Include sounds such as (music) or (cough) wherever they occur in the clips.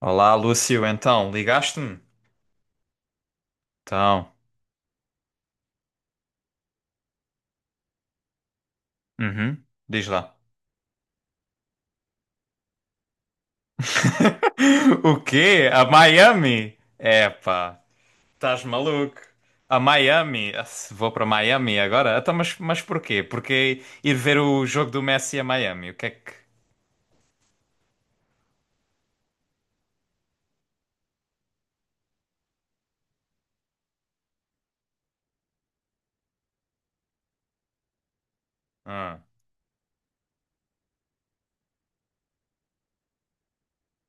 Olá, Lúcio, então, ligaste-me? Então, uhum, diz lá. (laughs) O quê? A Miami? Epá, estás maluco? A Miami? Ah, se vou para Miami agora? Então, mas porquê? Porque ir ver o jogo do Messi a Miami? O que é que. Ah,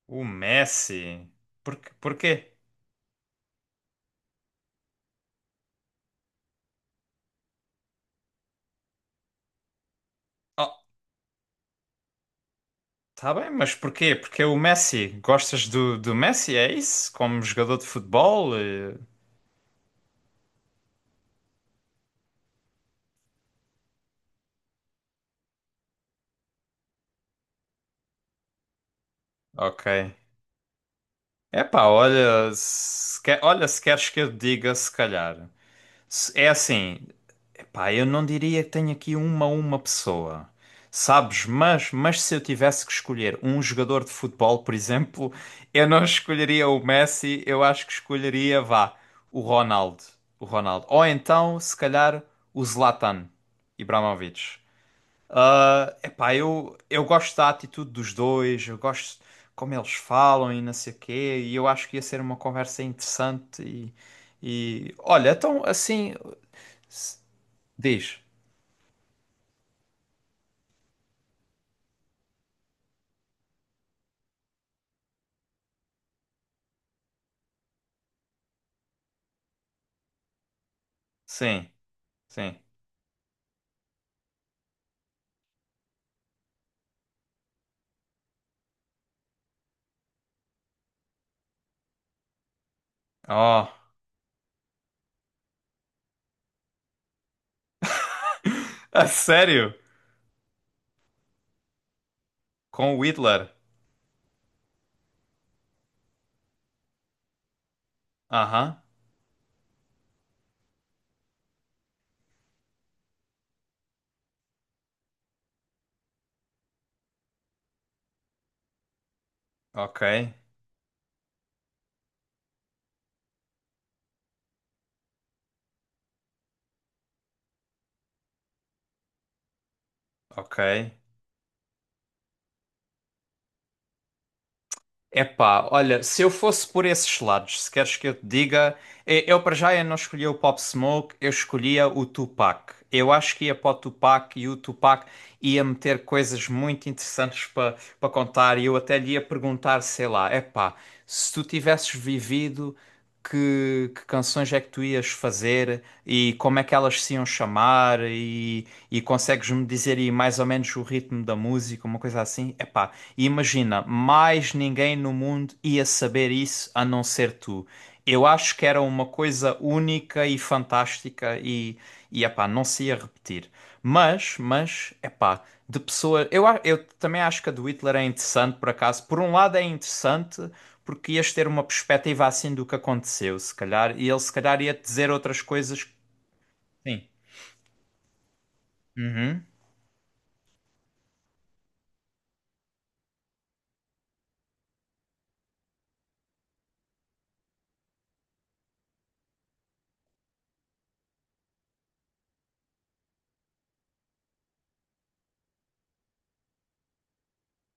o Messi? Por, Porquê? Oh, tá bem, mas porquê? Porque é o Messi. Gostas do Messi? É isso? Como jogador de futebol? Ok. Epá, olha, se quer- olha, se queres que eu diga, se calhar. É assim, epá, eu não diria que tenho aqui uma pessoa, sabes? Mas se eu tivesse que escolher um jogador de futebol, por exemplo, (laughs) eu não escolheria o Messi, eu acho que escolheria, vá, o Ronaldo, o Ronaldo. Ou então, se calhar, o Zlatan Ibrahimovic. Ah, epá, eu gosto da atitude dos dois, eu gosto como eles falam e não sei o quê, e eu acho que ia ser uma conversa interessante e olha, então assim s- diz. Sim, sim. Oh, (laughs) a sério? Com o Whittler? Aham, ok, ok. Epá, olha, se eu fosse por esses lados, se queres que eu te diga, eu para já eu não escolhia o Pop Smoke, eu escolhia o Tupac. Eu acho que ia para o Tupac e o Tupac ia meter coisas muito interessantes para contar e eu até lhe ia perguntar, sei lá, epá, se tu tivesses vivido, que canções é que tu ias fazer e como é que elas se iam chamar e consegues-me dizer aí mais ou menos o ritmo da música, uma coisa assim? Epá, imagina, mais ninguém no mundo ia saber isso a não ser tu. Eu acho que era uma coisa única e fantástica e epá, não se ia repetir. Mas, epá, de pessoa. Eu também acho que a do Hitler é interessante, por acaso. Por um lado é interessante, porque ias ter uma perspectiva assim do que aconteceu, se calhar. E ele, se calhar, ia te dizer outras coisas. Sim. Uhum.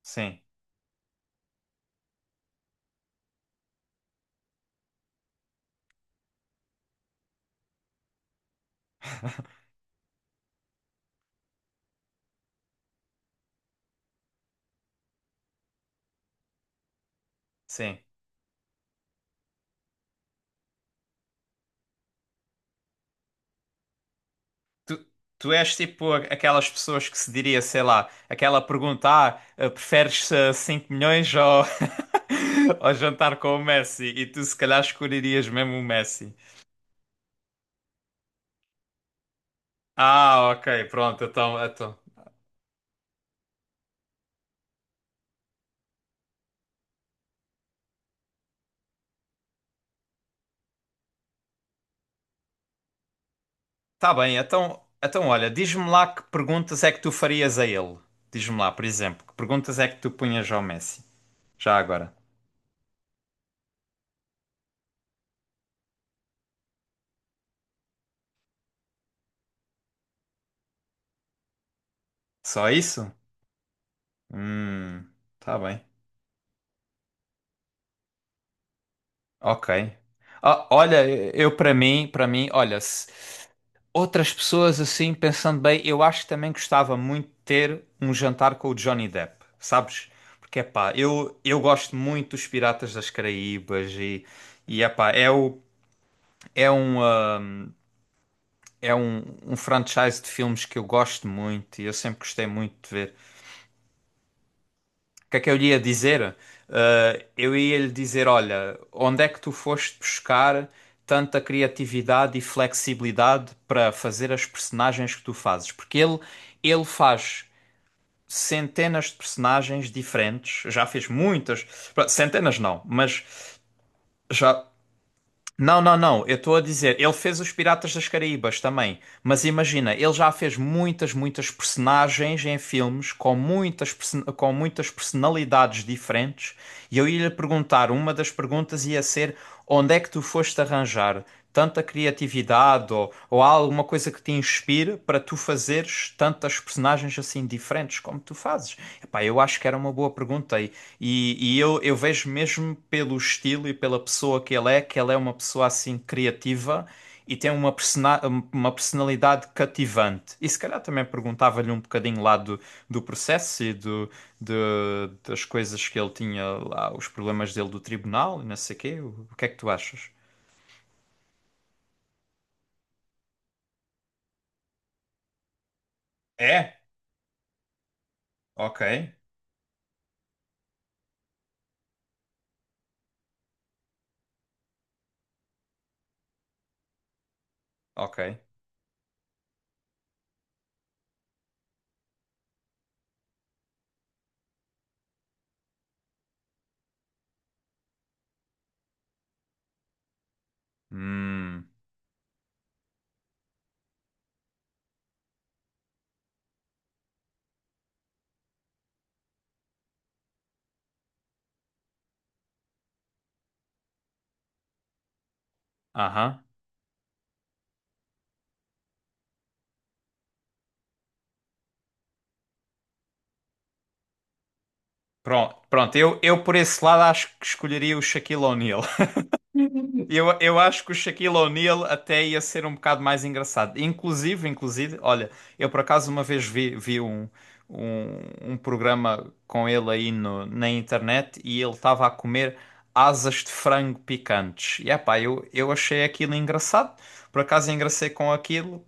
Sim, sim. Tu, tu és tipo aquelas pessoas que se diria, sei lá, aquela pergunta: ah, eh, preferes 5 milhões ou, (laughs) ou jantar com o Messi? E tu se calhar escolherias mesmo o Messi. Ah, ok, pronto, então, então. Tá bem, então, então olha, diz-me lá que perguntas é que tu farias a ele. Diz-me lá, por exemplo, que perguntas é que tu punhas ao Messi? Já agora. Só isso? Hum, tá bem. Ok. Ah, olha, eu para mim, olha, se outras pessoas assim, pensando bem, eu acho que também gostava muito de ter um jantar com o Johnny Depp, sabes? Porque, epá, eu gosto muito dos Piratas das Caraíbas e epá, é, o, é, um, ah, é um, um franchise de filmes que eu gosto muito e eu sempre gostei muito de ver. O que é que eu lhe ia dizer? Ah, eu ia lhe dizer, olha, onde é que tu foste buscar tanta criatividade e flexibilidade para fazer as personagens que tu fazes? Porque ele faz centenas de personagens diferentes, já fez muitas, pá, centenas não, mas já não, não, não. Eu estou a dizer, ele fez os Piratas das Caraíbas também. Mas imagina, ele já fez muitas, muitas personagens em filmes com muitas personalidades diferentes. E eu ia-lhe perguntar, uma das perguntas ia ser: onde é que tu foste arranjar tanta criatividade ou há alguma coisa que te inspire para tu fazeres tantas personagens assim diferentes como tu fazes? Epá, eu acho que era uma boa pergunta. E eu vejo mesmo pelo estilo e pela pessoa que ele é uma pessoa assim criativa e tem uma personalidade cativante. E se calhar também perguntava-lhe um bocadinho lá do processo e de, das coisas que ele tinha lá, os problemas dele do tribunal e não sei o quê. O que é que tu achas? É? Ok, ok. Hum, aham. Pronto, pronto, eu por esse lado acho que escolheria o Shaquille O'Neal. Eu acho que o Shaquille O'Neal até ia ser um bocado mais engraçado. Inclusive, inclusive, olha, eu por acaso uma vez vi um, um programa com ele aí no, na internet e ele estava a comer asas de frango picantes. E epá, eu achei aquilo engraçado, por acaso engracei com aquilo.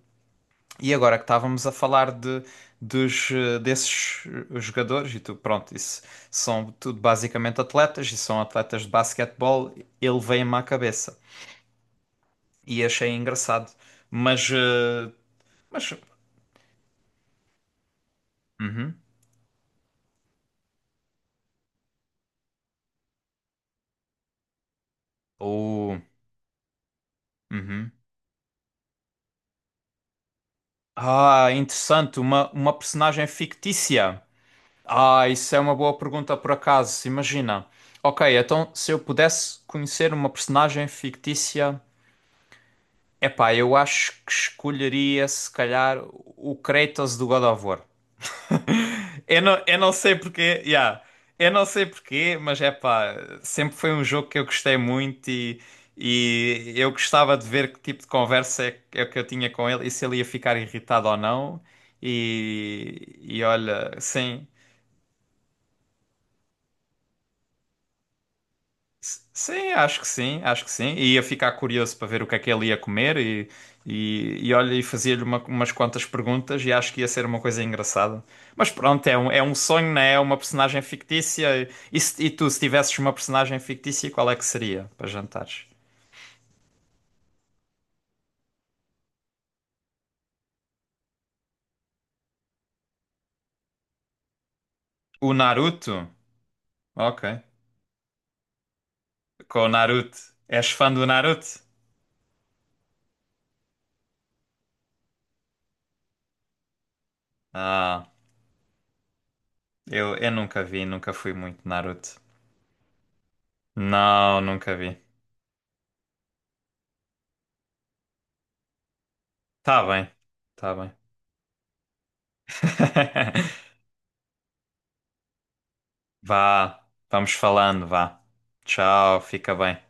E agora que estávamos a falar desses jogadores, e tu, pronto, isso são tudo basicamente atletas, e são atletas de basquetebol, ele veio-me à cabeça e achei engraçado. Mas, eh, mas, uhum. Oh, uhum. Ah, interessante, uma personagem fictícia. Ah, isso é uma boa pergunta por acaso, imagina. Ok, então se eu pudesse conhecer uma personagem fictícia. Epá, eu acho que escolheria, se calhar, o Kratos do God of War. (laughs) Eu não sei porquê, yeah. Eu não sei porquê, mas é pá, sempre foi um jogo que eu gostei muito e eu gostava de ver que tipo de conversa é que eu tinha com ele e se ele ia ficar irritado ou não. E olha, sim. Sim, acho que sim, acho que sim. E ia ficar curioso para ver o que é que ele ia comer e olha, e fazia-lhe umas quantas perguntas e acho que ia ser uma coisa engraçada. Mas pronto, é um sonho, né? É uma personagem fictícia. E, e tu, se tivesses uma personagem fictícia, qual é que seria para jantares? O Naruto? Ok. Com o Naruto. És fã do Naruto? Ah, eu nunca vi, nunca fui muito Naruto. Não, nunca vi. Tá bem, tá bem. (laughs) Vá, vamos falando, vá. Tchau, fica bem.